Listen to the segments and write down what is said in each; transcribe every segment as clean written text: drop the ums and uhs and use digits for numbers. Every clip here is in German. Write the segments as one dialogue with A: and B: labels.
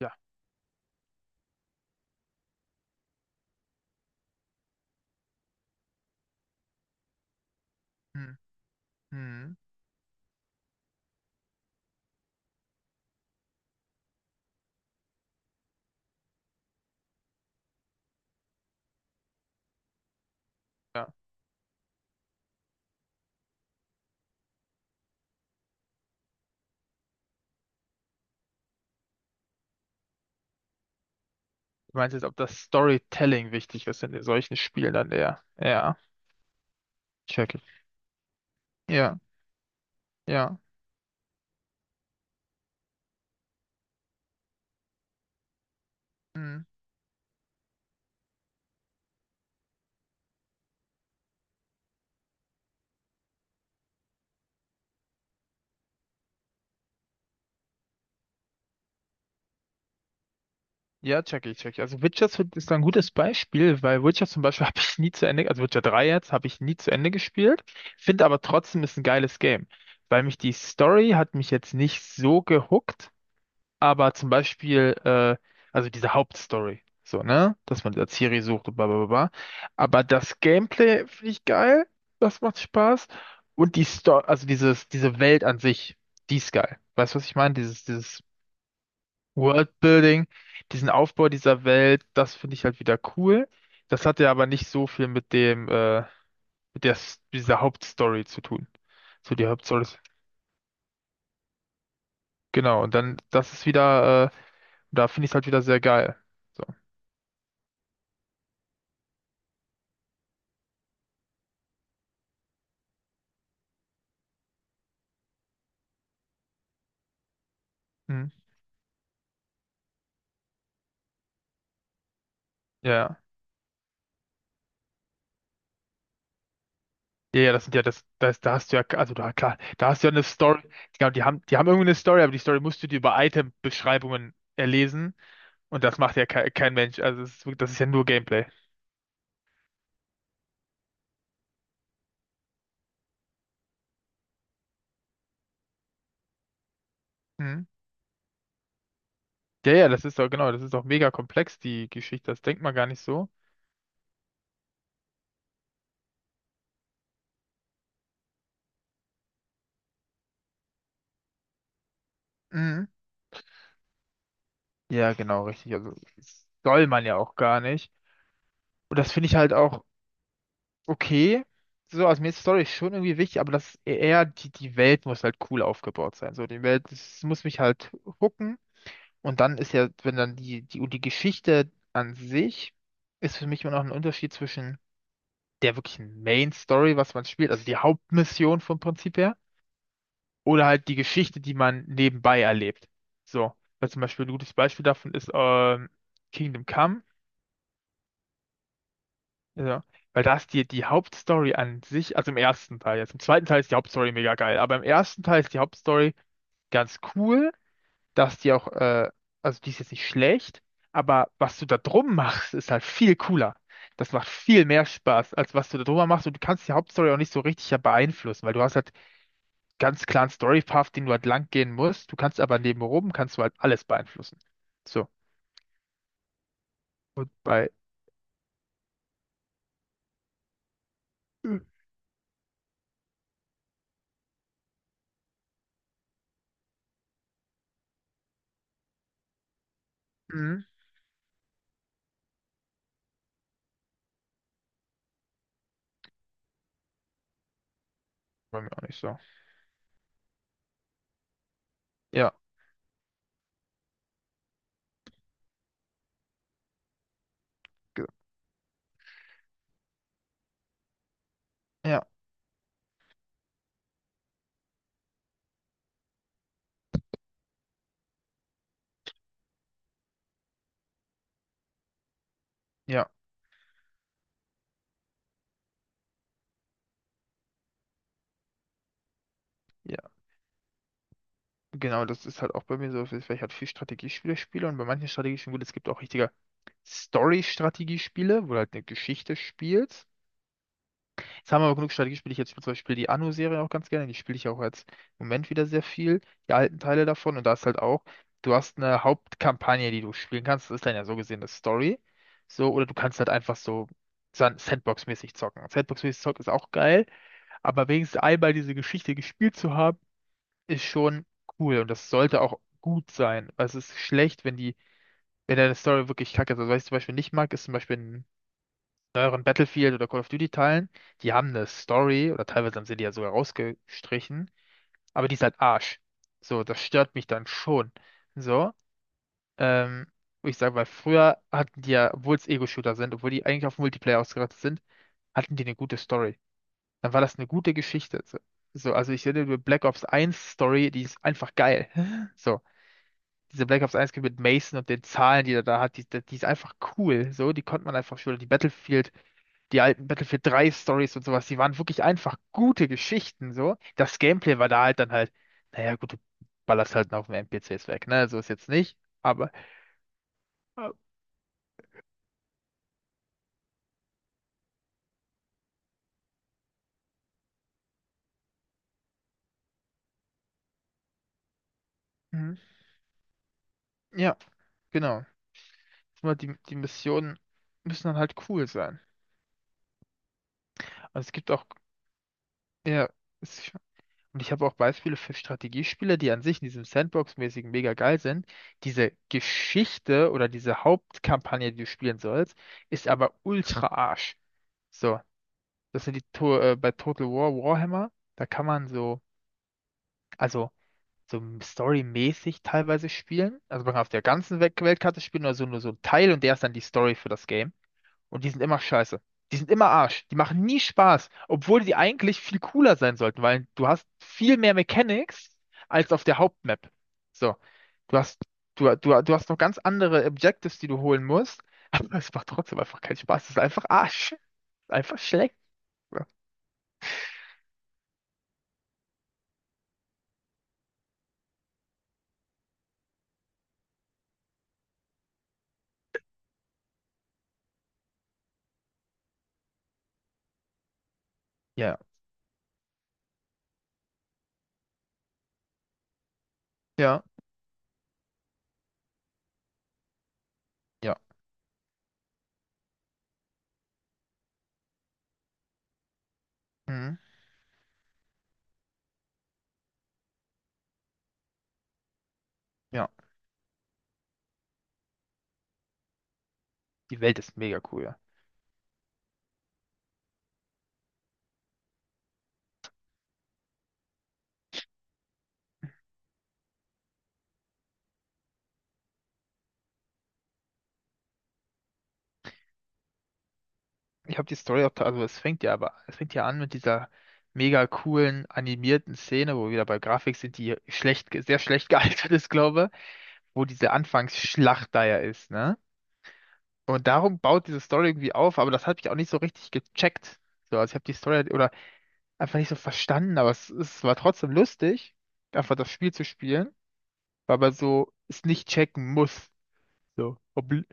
A: Ja. Hm, hm, ja. Du meinst jetzt, ob das Storytelling wichtig ist in solchen Spielen dann eher? Ja, check ich. Ja, ja. Hm. Ja, check ich, check ich. Also Witcher ist da ein gutes Beispiel, weil Witcher zum Beispiel habe ich nie zu Ende, also Witcher 3 jetzt, habe ich nie zu Ende gespielt, finde aber trotzdem ist ein geiles Game, weil mich die Story hat mich jetzt nicht so gehuckt. Aber zum Beispiel, also diese Hauptstory, so, ne? Dass man da Ciri sucht und bla bla bla. Aber das Gameplay finde ich geil. Das macht Spaß. Und die Story, also diese Welt an sich, die ist geil. Weißt du, was ich meine? Dieses Worldbuilding, diesen Aufbau dieser Welt, das finde ich halt wieder cool. Das hat ja aber nicht so viel mit der dieser Hauptstory zu tun. So die Hauptstory. Genau, und dann, das ist wieder, da finde ich es halt wieder sehr geil. So. Hm. Ja, ja, ja, ja, das sind ja das, da hast du ja, also da klar, da hast du ja eine Story, genau, die haben irgendwie eine Story, aber die Story musst du dir über Item-Beschreibungen erlesen und das macht ja kein Mensch, also das ist, das ist ja nur Gameplay. Mhm. Ja, ja, das ist doch, genau, das ist doch mega komplex, die Geschichte, das denkt man gar nicht so. Mhm. Ja, genau, richtig, also das soll man ja auch gar nicht. Und das finde ich halt auch okay, so, also mir ist Story schon irgendwie wichtig, aber das eher, die Welt muss halt cool aufgebaut sein, so, die Welt, das muss mich halt hooken. Und dann ist ja, wenn dann die Geschichte an sich ist für mich immer noch ein Unterschied zwischen der wirklichen Main Story, was man spielt, also die Hauptmission vom Prinzip her, oder halt die Geschichte, die man nebenbei erlebt. So, weil zum Beispiel ein gutes Beispiel davon ist Kingdom Come, ja, weil da ist die Hauptstory an sich, also im ersten Teil jetzt, im zweiten Teil ist die Hauptstory mega geil, aber im ersten Teil ist die Hauptstory ganz cool, dass die auch, also die ist jetzt nicht schlecht, aber was du da drum machst, ist halt viel cooler. Das macht viel mehr Spaß, als was du da drüber machst. Und du kannst die Hauptstory auch nicht so richtig ja beeinflussen, weil du hast halt ganz klaren Story-Path, den du halt lang gehen musst. Du kannst aber nebenrum, kannst du halt alles beeinflussen. So, bei, mhm. Bei mir auch nicht so. Ja, ge- ja, ja, ja. Genau, das ist halt auch bei mir so, weil ich halt viel Strategiespiele spiele und bei manchen Strategiespielen, gut, es gibt auch richtige Story-Strategiespiele, wo du halt eine Geschichte spielst. Jetzt haben wir aber genug Strategiespiele. Ich jetzt spiele zum Beispiel die Anno-Serie auch ganz gerne. Die spiele ich auch jetzt im Moment wieder sehr viel. Die alten Teile davon. Und da ist halt auch, du hast eine Hauptkampagne, die du spielen kannst. Das ist dann ja so gesehen eine Story. So, oder du kannst halt einfach so Sandbox-mäßig zocken. Sandbox-mäßig zocken ist auch geil, aber wenigstens einmal diese Geschichte gespielt zu haben, ist schon cool. Und das sollte auch gut sein. Weil es ist schlecht, wenn deine Story wirklich kacke ist. Also, was ich zum Beispiel nicht mag, ist zum Beispiel neueren Battlefield oder Call of Duty Teilen, die haben eine Story oder teilweise haben sie die ja sogar rausgestrichen, aber die ist halt Arsch. So, das stört mich dann schon. So, ähm, wo ich sage, weil früher hatten die ja, obwohl es Ego-Shooter sind, obwohl die eigentlich auf Multiplayer ausgerichtet sind, hatten die eine gute Story. Dann war das eine gute Geschichte. So, also ich finde die Black Ops 1 Story, die ist einfach geil. So diese Black Ops 1 mit Mason und den Zahlen, die er da hat, die ist einfach cool. So, die konnte man einfach schon. Die Battlefield, die alten Battlefield 3 Stories und sowas, die waren wirklich einfach gute Geschichten. So, das Gameplay war da halt dann halt, naja, gut, du ballerst halt auf dem NPCs weg, ne? So ist jetzt nicht, aber äh, mhm. Ja, genau. Nur die Missionen müssen dann halt cool sein. Also es gibt auch, ja, es und ich habe auch Beispiele für Strategiespiele, die an sich in diesem Sandbox-mäßigen mega geil sind. Diese Geschichte oder diese Hauptkampagne, die du spielen sollst, ist aber ultra Arsch. So, das sind die to bei Total War Warhammer, da kann man so, also so storymäßig teilweise spielen. Also man kann auf der ganzen Weltkarte spielen oder so nur so ein Teil und der ist dann die Story für das Game. Und die sind immer scheiße. Die sind immer Arsch. Die machen nie Spaß, obwohl die eigentlich viel cooler sein sollten, weil du hast viel mehr Mechanics als auf der Hauptmap. So, du hast, du hast noch ganz andere Objectives, die du holen musst, aber es macht trotzdem einfach keinen Spaß. Es ist einfach Arsch. Einfach schlecht. Ja, ja, ja. Ja. Mhm. Ja. Die Welt ist mega cool, ja. Ich habe die Story auch, also es fängt ja aber, es fängt ja an mit dieser mega coolen animierten Szene, wo wir wieder bei Grafik sind, die sehr schlecht gealtert ist, glaube, wo diese Anfangsschlacht da ja ist, ne? Und darum baut diese Story irgendwie auf, aber das habe ich auch nicht so richtig gecheckt. So, also ich habe die Story oder einfach nicht so verstanden, aber es war trotzdem lustig, einfach das Spiel zu spielen, weil man so es nicht checken muss. So, obli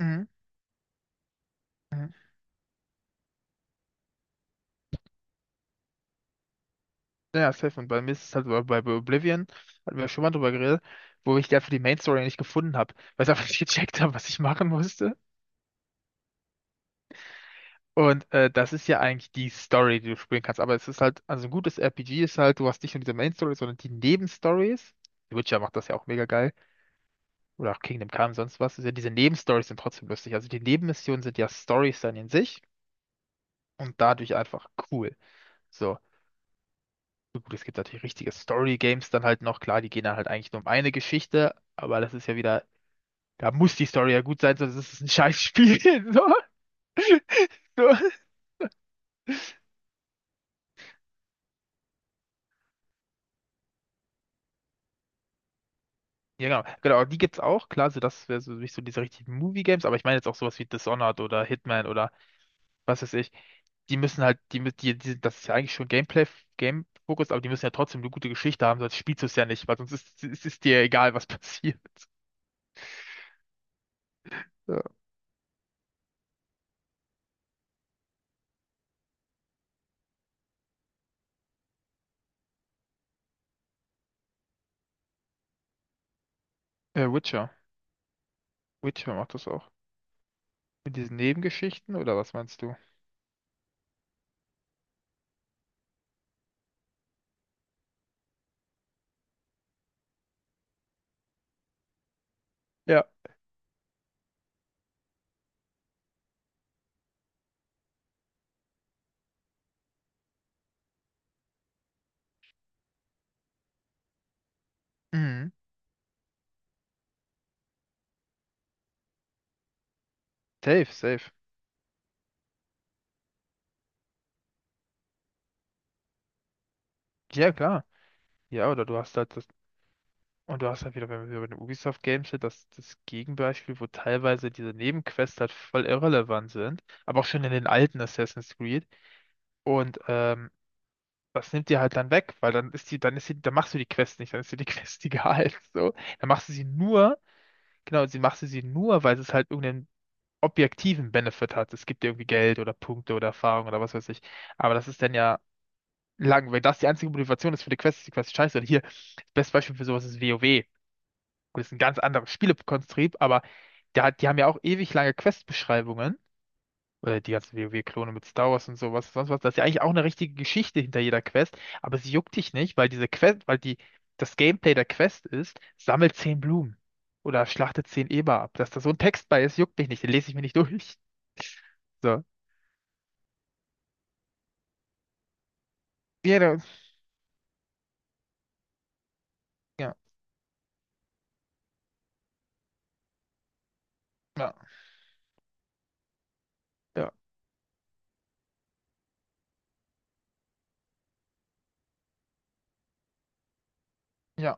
A: mhm. Mhm. Ja, safe. Und bei mir ist es halt bei Oblivion, hatten wir schon mal drüber geredet, wo ich dafür die Main Story nicht gefunden habe, weil ich einfach nicht gecheckt habe, was ich machen musste. Und das ist ja eigentlich die Story, die du spielen kannst. Aber es ist halt, also ein gutes RPG ist halt, du hast nicht nur diese Main Story, sondern die Nebenstories. The Witcher macht das ja auch mega geil. Oder auch Kingdom Come, sonst was. Ist ja, diese Nebenstories sind trotzdem lustig. Also die Nebenmissionen sind ja Stories dann in sich und dadurch einfach cool. So. Gut, es gibt natürlich richtige Story-Games dann halt noch. Klar, die gehen dann halt eigentlich nur um eine Geschichte, aber das ist ja wieder, da muss die Story ja gut sein, sonst ist es ein Scheißspiel. So. Ja, genau. Genau, die gibt's auch. Klar, so das wäre so nicht so diese richtigen Movie-Games, aber ich meine jetzt auch sowas wie Dishonored oder Hitman oder was weiß ich. Die müssen die, das ist ja eigentlich schon Gameplay, Game-Fokus, aber die müssen ja trotzdem eine gute Geschichte haben, sonst spielst du es ja nicht, weil sonst ist dir egal, was passiert. Ja. Witcher. Witcher macht das auch. Mit diesen Nebengeschichten oder was meinst du? Ja. Mhm. Safe, safe. Ja, klar. Ja, oder du hast halt das. Und du hast halt wieder, wenn wir bei den Ubisoft Games sind, das Gegenbeispiel, wo teilweise diese Nebenquests halt voll irrelevant sind, aber auch schon in den alten Assassin's Creed. Und das nimmt dir halt dann weg, weil dann machst du die Quest nicht, dann ist dir die Quest egal. So. Dann machst du sie nur, genau, sie machst du sie nur, weil es halt irgendeinen objektiven Benefit hat. Es gibt dir irgendwie Geld oder Punkte oder Erfahrung oder was weiß ich. Aber das ist dann ja lang, weil das die einzige Motivation ist für die Quest, ist die Quest scheiße. Und hier, das beste Beispiel für sowas ist WoW. Gut, ist ein ganz anderes Spielekonstrukt, aber die haben ja auch ewig lange Quest-Beschreibungen. Oder die ganzen WoW-Klone -Klone mit Star Wars und sowas, sonst was. Das ist ja eigentlich auch eine richtige Geschichte hinter jeder Quest, aber sie juckt dich nicht, weil diese Quest, weil die, das Gameplay der Quest ist, sammelt 10 Blumen oder schlachte 10 Eber ab. Dass da so ein Text bei ist, juckt mich nicht, den lese ich mir nicht durch. So. Jeder, ja, ja, ja, ja.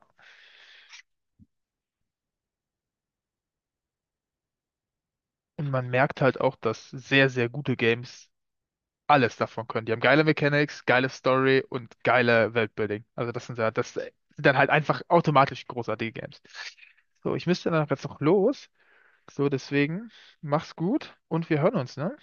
A: Und man merkt halt auch, dass sehr, sehr gute Games alles davon können. Die haben geile Mechanics, geile Story und geile Weltbuilding. Also das sind dann halt einfach automatisch großartige Games. So, ich müsste dann auch jetzt noch los. So, deswegen, mach's gut und wir hören uns, ne?